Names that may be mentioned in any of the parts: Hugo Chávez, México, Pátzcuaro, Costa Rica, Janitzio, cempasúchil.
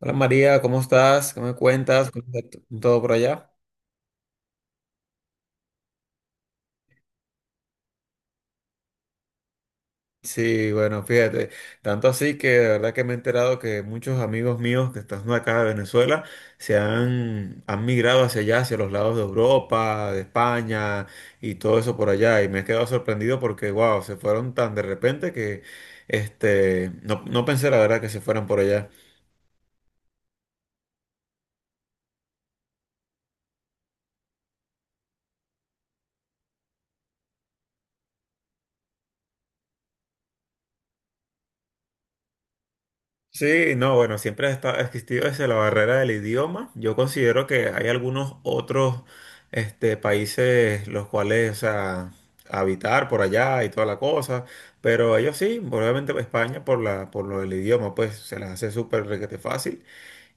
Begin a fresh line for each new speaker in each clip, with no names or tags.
Hola María, ¿cómo estás? ¿Qué me cuentas? ¿Cómo está todo por allá? Sí, bueno, fíjate, tanto así que de verdad que me he enterado que muchos amigos míos que están acá de Venezuela se han migrado hacia allá, hacia los lados de Europa, de España y todo eso por allá. Y me he quedado sorprendido porque, wow, se fueron tan de repente que no, no pensé la verdad que se fueran por allá. Sí, no, bueno, siempre ha existido desde la barrera del idioma. Yo considero que hay algunos otros países los cuales, o sea, habitar por allá y toda la cosa, pero ellos sí, obviamente pues, España por lo del idioma, pues se les hace súper requete fácil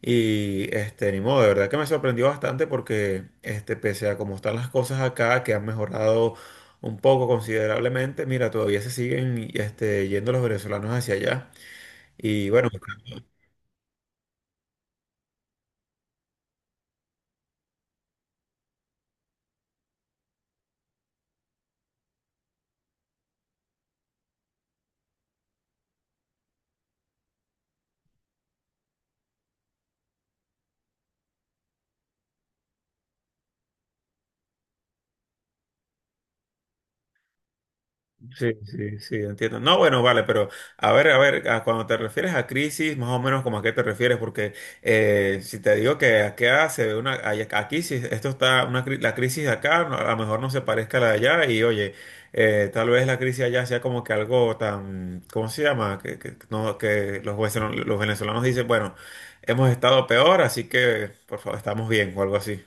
y ni modo, de verdad que me sorprendió bastante porque pese a cómo están las cosas acá, que han mejorado un poco considerablemente, mira, todavía se siguen yendo los venezolanos hacia allá y bueno. Sí, sí, sí, entiendo. No, bueno, vale, pero a ver, a ver, a cuando te refieres a crisis, más o menos como a qué te refieres, porque si te digo que acá se ve aquí si esto está, la crisis de acá a lo mejor no se parezca a la de allá, y oye, tal vez la crisis allá sea como que algo tan, ¿cómo se llama? Que, no, que los venezolanos dicen, bueno, hemos estado peor, así que por favor, estamos bien o algo así.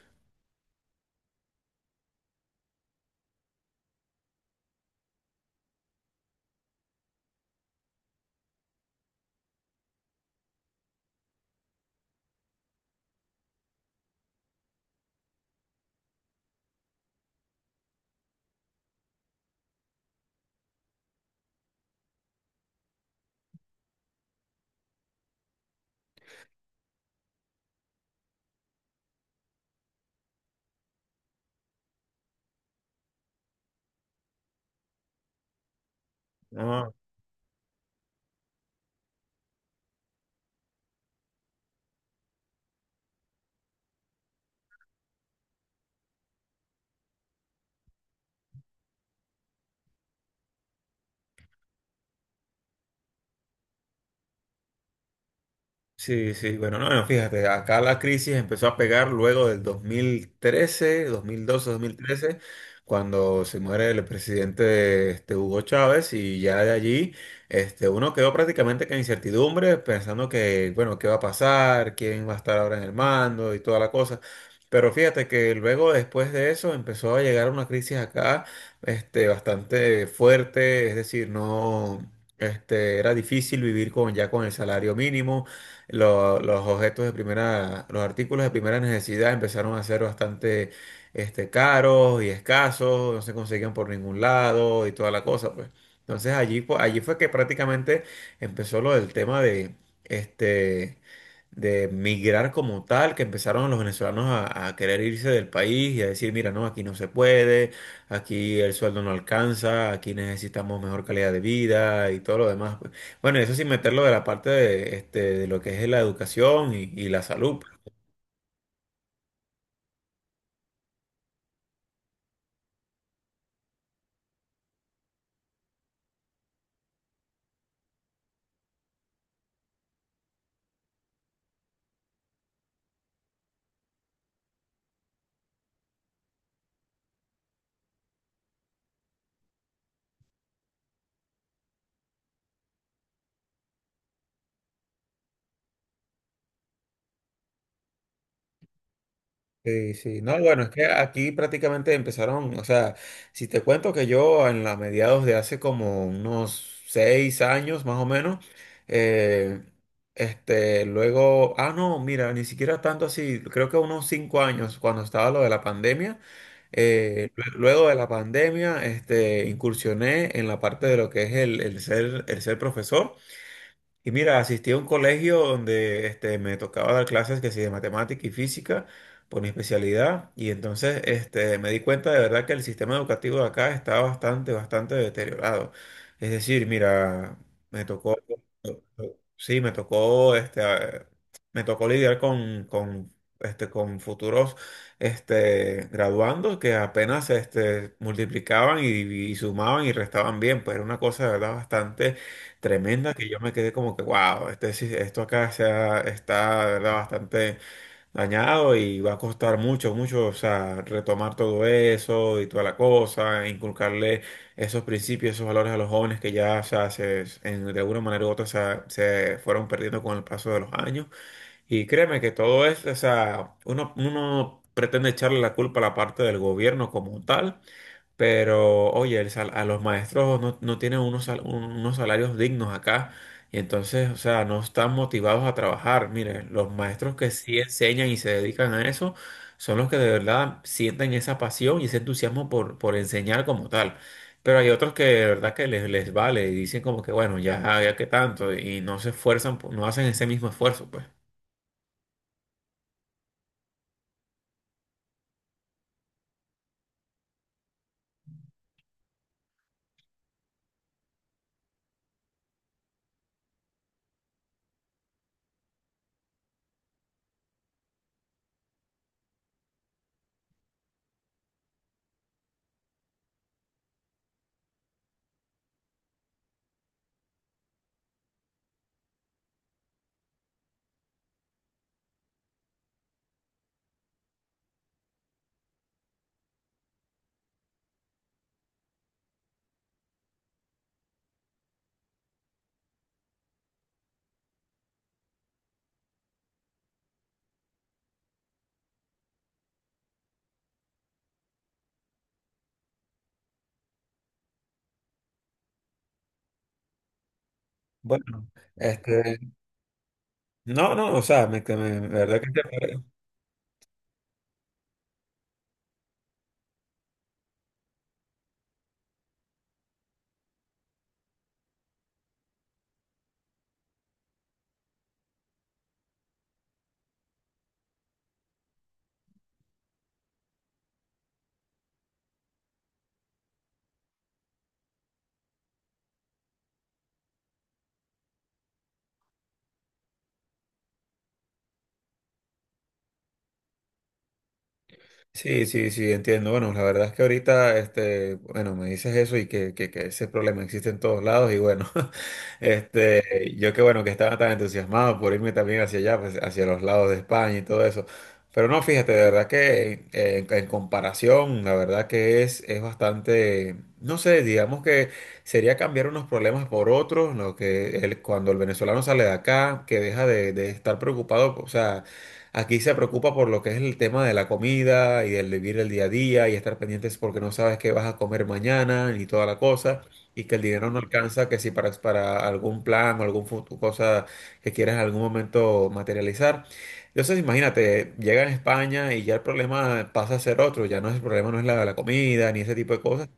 ¿No? Sí, sí, bueno, no, no, fíjate, acá la crisis empezó a pegar luego del 2013, 2012, 2013, cuando se muere el presidente Hugo Chávez, y ya de allí uno quedó prácticamente con incertidumbre, pensando que, bueno, qué va a pasar, quién va a estar ahora en el mando y toda la cosa. Pero fíjate que luego después de eso empezó a llegar una crisis acá bastante fuerte, es decir, no. Este, era difícil vivir ya con el salario mínimo. Los objetos de primera, los artículos de primera necesidad empezaron a ser bastante caros y escasos, no se conseguían por ningún lado y toda la cosa, pues. Entonces allí, allí fue que prácticamente empezó lo del tema de este de migrar como tal, que empezaron los venezolanos a querer irse del país y a decir, mira, no, aquí no se puede, aquí el sueldo no alcanza, aquí necesitamos mejor calidad de vida y todo lo demás, pues. Bueno, eso sin meterlo de la parte de lo que es la educación y la salud. Sí, sí, no, bueno, es que aquí prácticamente empezaron, o sea, si te cuento que yo en la mediados de hace como unos 6 años más o menos, eh, luego, ah, no, mira, ni siquiera tanto así, creo que unos 5 años cuando estaba lo de la pandemia, luego de la pandemia, incursioné en la parte de lo que es el ser profesor. Y mira, asistí a un colegio donde me tocaba dar clases que sí de matemática y física por mi especialidad y entonces me di cuenta de verdad que el sistema educativo de acá está bastante, bastante deteriorado. Es decir, mira, me tocó, sí, me tocó, me tocó lidiar con futuros graduandos que apenas multiplicaban y sumaban y restaban bien, pues era una cosa de verdad bastante tremenda, que yo me quedé como que, wow, esto acá está, de verdad, bastante dañado y va a costar mucho, mucho, o sea, retomar todo eso y toda la cosa, inculcarle esos principios, esos valores a los jóvenes que ya, o sea, de alguna manera u otra se fueron perdiendo con el paso de los años. Y créeme que todo eso, o sea, uno pretende echarle la culpa a la parte del gobierno como tal. Pero, oye, a los maestros no, no tienen unos salarios dignos acá. Y entonces, o sea, no están motivados a trabajar. Mire, los maestros que sí enseñan y se dedican a eso son los que de verdad sienten esa pasión y ese entusiasmo por enseñar como tal. Pero hay otros que de verdad que les vale y dicen como que, bueno, ya, ya que tanto, y no se esfuerzan, no hacen ese mismo esfuerzo, pues. Bueno, este, no, no, o sea, la verdad que. Sí, sí, sí, entiendo. Bueno, la verdad es que ahorita, bueno, me dices eso y que ese problema existe en todos lados y bueno, yo que bueno, que estaba tan entusiasmado por irme también hacia allá, pues, hacia los lados de España y todo eso. Pero no, fíjate, de verdad que en comparación, la verdad que es bastante, no sé, digamos que sería cambiar unos problemas por otros, lo que cuando el venezolano sale de acá, que deja de estar preocupado, o sea. Aquí se preocupa por lo que es el tema de la comida y el vivir el día a día y estar pendientes porque no sabes qué vas a comer mañana ni toda la cosa y que el dinero no alcanza, que si para algún plan o algún cosa que quieras en algún momento materializar. Entonces, imagínate, llega a España y ya el problema pasa a ser otro, ya no es el problema, no es la comida ni ese tipo de cosas.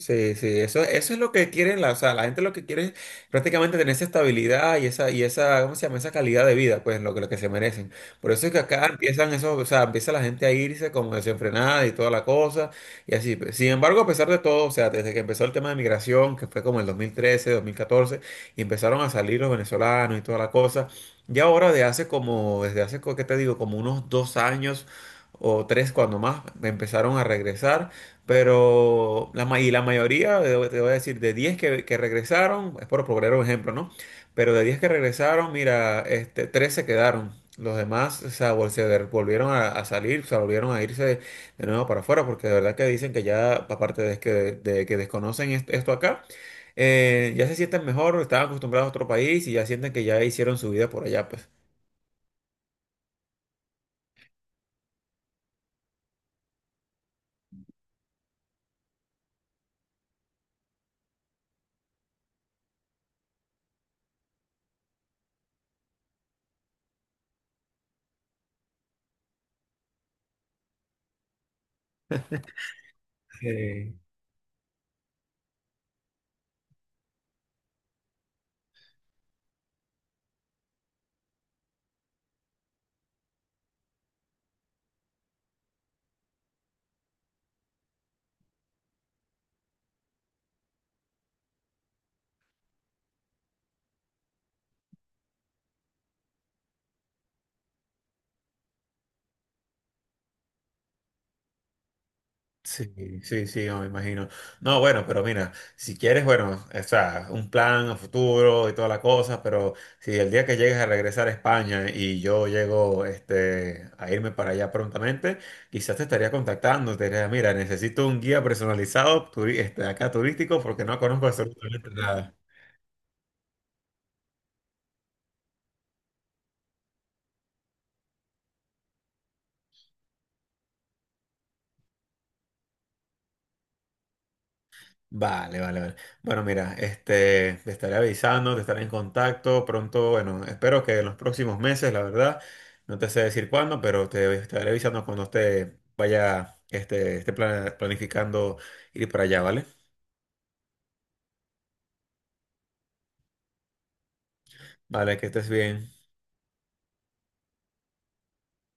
Sí, sí, eso es lo que quieren la, o sea, la gente lo que quiere es prácticamente tener esa estabilidad y esa, ¿cómo se llama? Esa calidad de vida, pues, lo que se merecen. Por eso es que acá empiezan esos, o sea, empieza la gente a irse como desenfrenada y toda la cosa, y así, pues. Sin embargo, a pesar de todo, o sea, desde que empezó el tema de migración, que fue como el dos mil trece, 2014, y empezaron a salir los venezolanos y toda la cosa, y ahora de hace como, desde hace, ¿qué te digo? Como unos 2 años o tres cuando más, empezaron a regresar. Pero la, y la mayoría, te voy a decir, de 10 que regresaron, es por poner un ejemplo, ¿no? Pero de 10 que regresaron, mira, 3 se quedaron. Los demás, o sea, volvieron a salir, o sea, volvieron a irse de nuevo para afuera, porque de verdad que dicen que ya, aparte de que desconocen esto acá, ya se sienten mejor, estaban acostumbrados a otro país y ya sienten que ya hicieron su vida por allá, pues. Sí. Sí, sí, sí, no, me imagino. No, bueno, pero mira, si quieres, bueno, o sea, un plan a futuro y toda la cosa, pero si el día que llegues a regresar a España y yo llego a irme para allá prontamente, quizás te estaría contactando, te diría, mira, necesito un guía personalizado acá turístico porque no conozco absolutamente nada. Vale, vale, vale. Bueno, mira, te estaré avisando, te estaré en contacto pronto. Bueno, espero que en los próximos meses, la verdad, no te sé decir cuándo, pero te estaré avisando cuando esté planificando ir para allá, ¿vale? Vale, que estés bien.